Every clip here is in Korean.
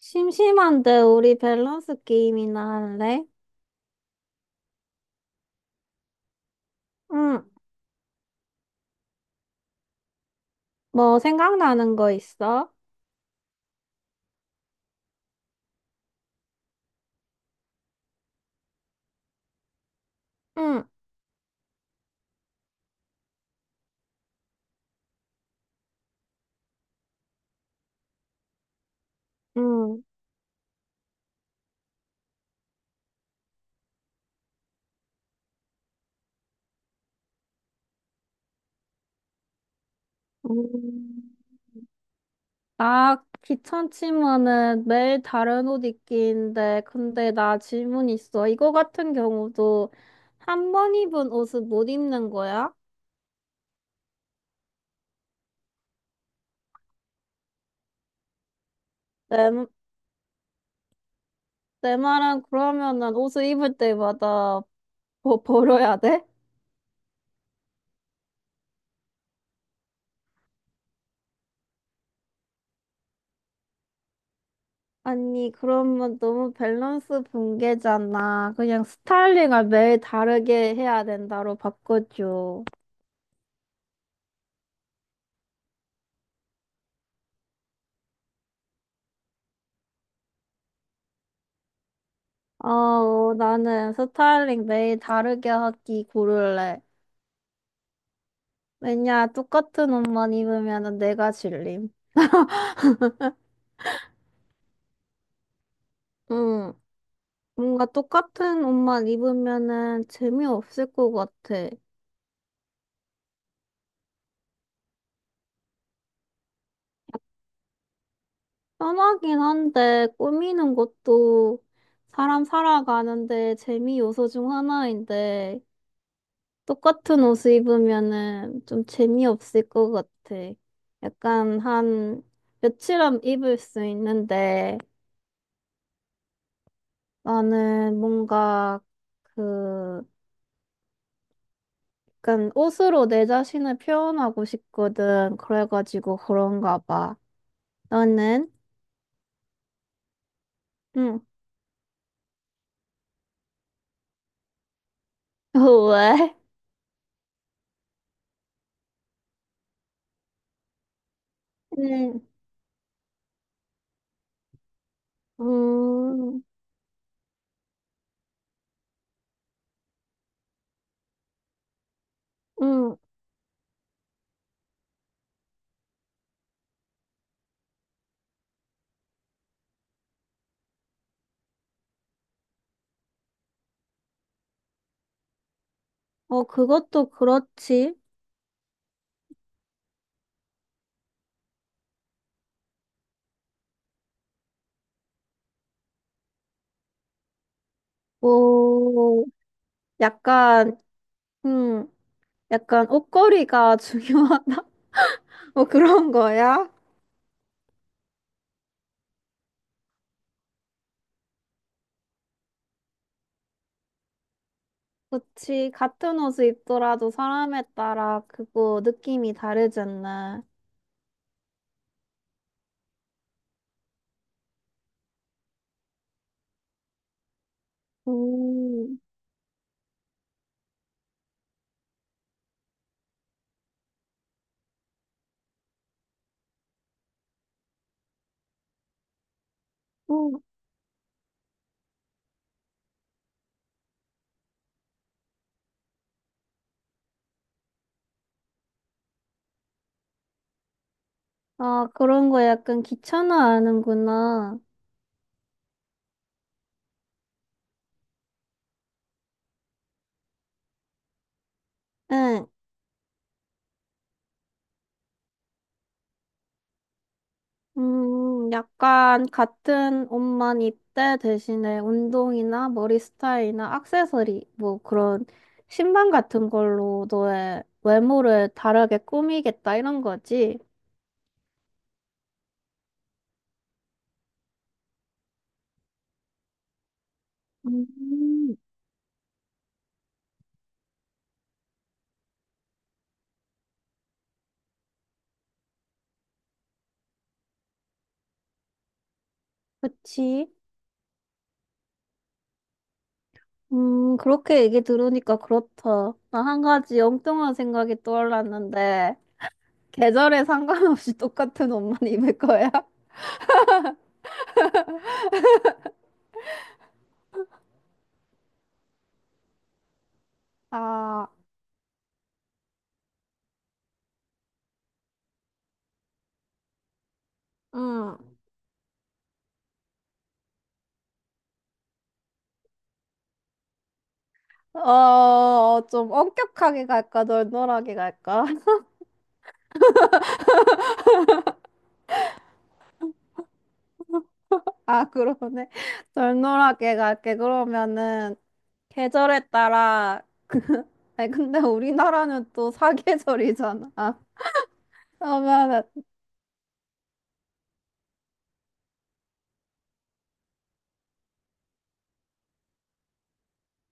심심한데 우리 밸런스 게임이나 할래? 응. 뭐 생각나는 거 있어? 응. 응. 음, 나 귀찮지만은 매일 다른 옷 입기인데 근데 나 질문 있어. 이거 같은 경우도 한 번 입은 옷을 못 입는 거야? 내, 내 말은 그러면은 옷을 입을 때마다 벌어야 돼? 아니, 그러면 너무 밸런스 붕괴잖아. 그냥 스타일링을 매일 다르게 해야 된다로 바꿔줘. 어, 나는 스타일링 매일 다르게 하기 고를래. 왜냐, 똑같은 옷만 입으면 내가 질림. 응, 뭔가 똑같은 옷만 입으면은 재미없을 것 같아. 편하긴 한데 꾸미는 것도 사람 살아가는데 재미 요소 중 하나인데 똑같은 옷을 입으면은 좀 재미없을 것 같아. 약간 한 며칠 안 입을 수 있는데 나는 뭔가 그 약간 옷으로 내 자신을 표현하고 싶거든. 그래가지고 그런가 봐. 너는? 응. 왜? 응. 음, 응. 어, 그것도 그렇지. 오, 약간, 음, 약간 옷걸이가 중요하다. 어, 그런 거야? 그치. 같은 옷을 입더라도 사람에 따라 그거 느낌이 다르잖아. 음, 음. 아, 그런 거 약간 귀찮아하는구나. 응. 약간 같은 옷만 입되 대신에 운동이나 머리 스타일이나 액세서리, 뭐 그런 신발 같은 걸로 너의 외모를 다르게 꾸미겠다 이런 거지. 음, 그치. 그렇게 얘기 들으니까 그렇다. 나 한 가지 엉뚱한 생각이 떠올랐는데, 계절에 상관없이 똑같은 옷만 입을 거야? 아, 음. 어, 좀 엄격하게 갈까, 널널하게 갈까? 아, 그러네. 널널하게 갈게. 그러면은, 계절에 따라, 아니, 근데 우리나라는 또 사계절이잖아. 그러면은,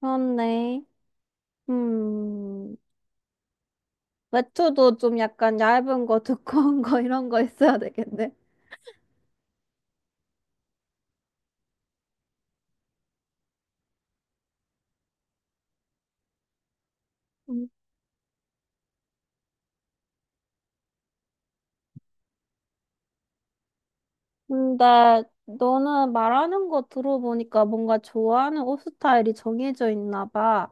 그렇네. 음. 외투도 좀 약간 얇은 거, 두꺼운 거, 이런 거 있어야 되겠네. 음. 근데 너는 말하는 거 들어보니까 뭔가 좋아하는 옷 스타일이 정해져 있나 봐.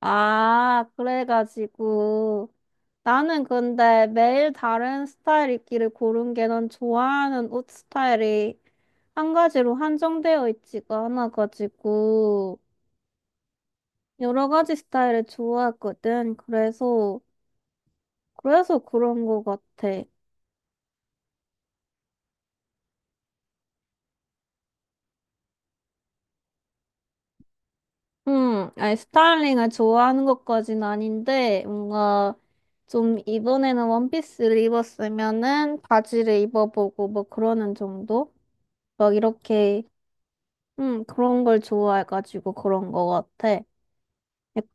아, 그래가지고. 나는 근데 매일 다른 스타일 입기를 고른 게 난 좋아하는 옷 스타일이 한 가지로 한정되어 있지가 않아가지고 여러 가지 스타일을 좋아하거든. 그래서, 그래서 그런 것 같아. 아니, 스타일링을 좋아하는 것까진 아닌데, 뭔가 좀 이번에는 원피스를 입었으면은 바지를 입어보고 뭐 그러는 정도? 막 이렇게, 그런 걸 좋아해가지고 그런 거 같아. 약-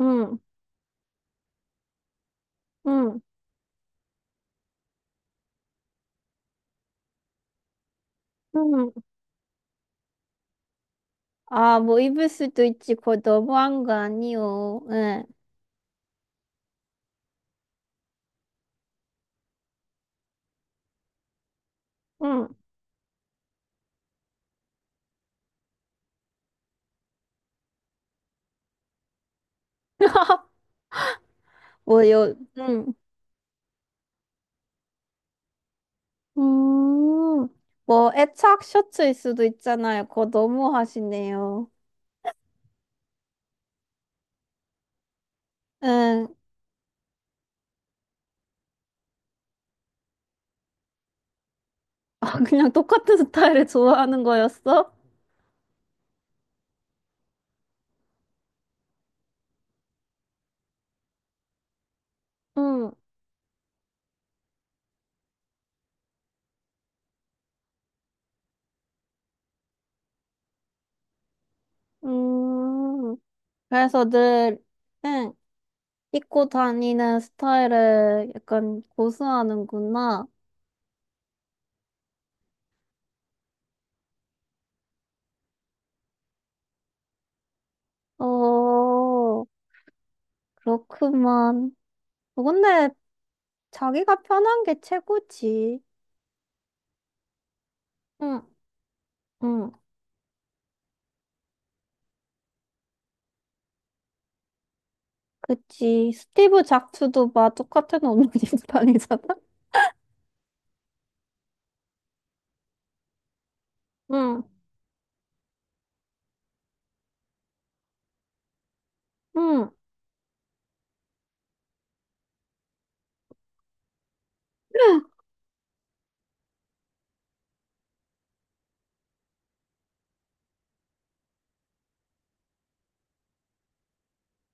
음, 음, 음. 아, 뭐 입을 수도 있지. 그거 너무한 거 아니요. 예, 음. 뭐요, 음, 뭐 애착 셔츠일 수도 있잖아요. 그거 너무 하시네요. 응. 아, 그냥 똑같은 스타일을 좋아하는 거였어? 응, 음, 그래서 늘, 응, 입고 다니는 스타일을 약간 고수하는구나. 어, 그렇구만. 어, 근데 자기가 편한 게 최고지. 응, 응, 그치. 스티브 잡스도 막 똑같은 옷만 입고 다니잖아. 응, 응.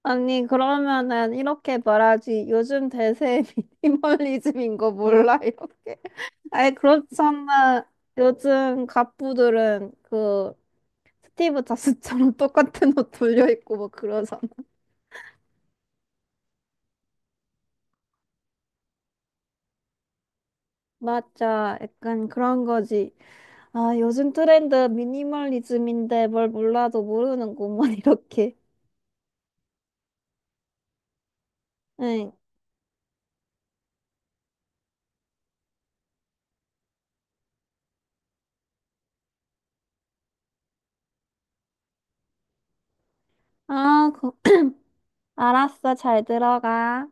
아니, 그러면은 이렇게 말하지. 요즘 대세 미니멀리즘인 거 몰라, 이렇게. 아니, 그렇잖아. 요즘 갑부들은 그 스티브 잡스처럼 똑같은 옷 돌려입고 뭐 그러잖아. 맞아. 약간 그런 거지. 아, 요즘 트렌드 미니멀리즘인데 뭘 몰라도 모르는구먼, 이렇게. 응. 아, 그- 알았어. 잘 들어가.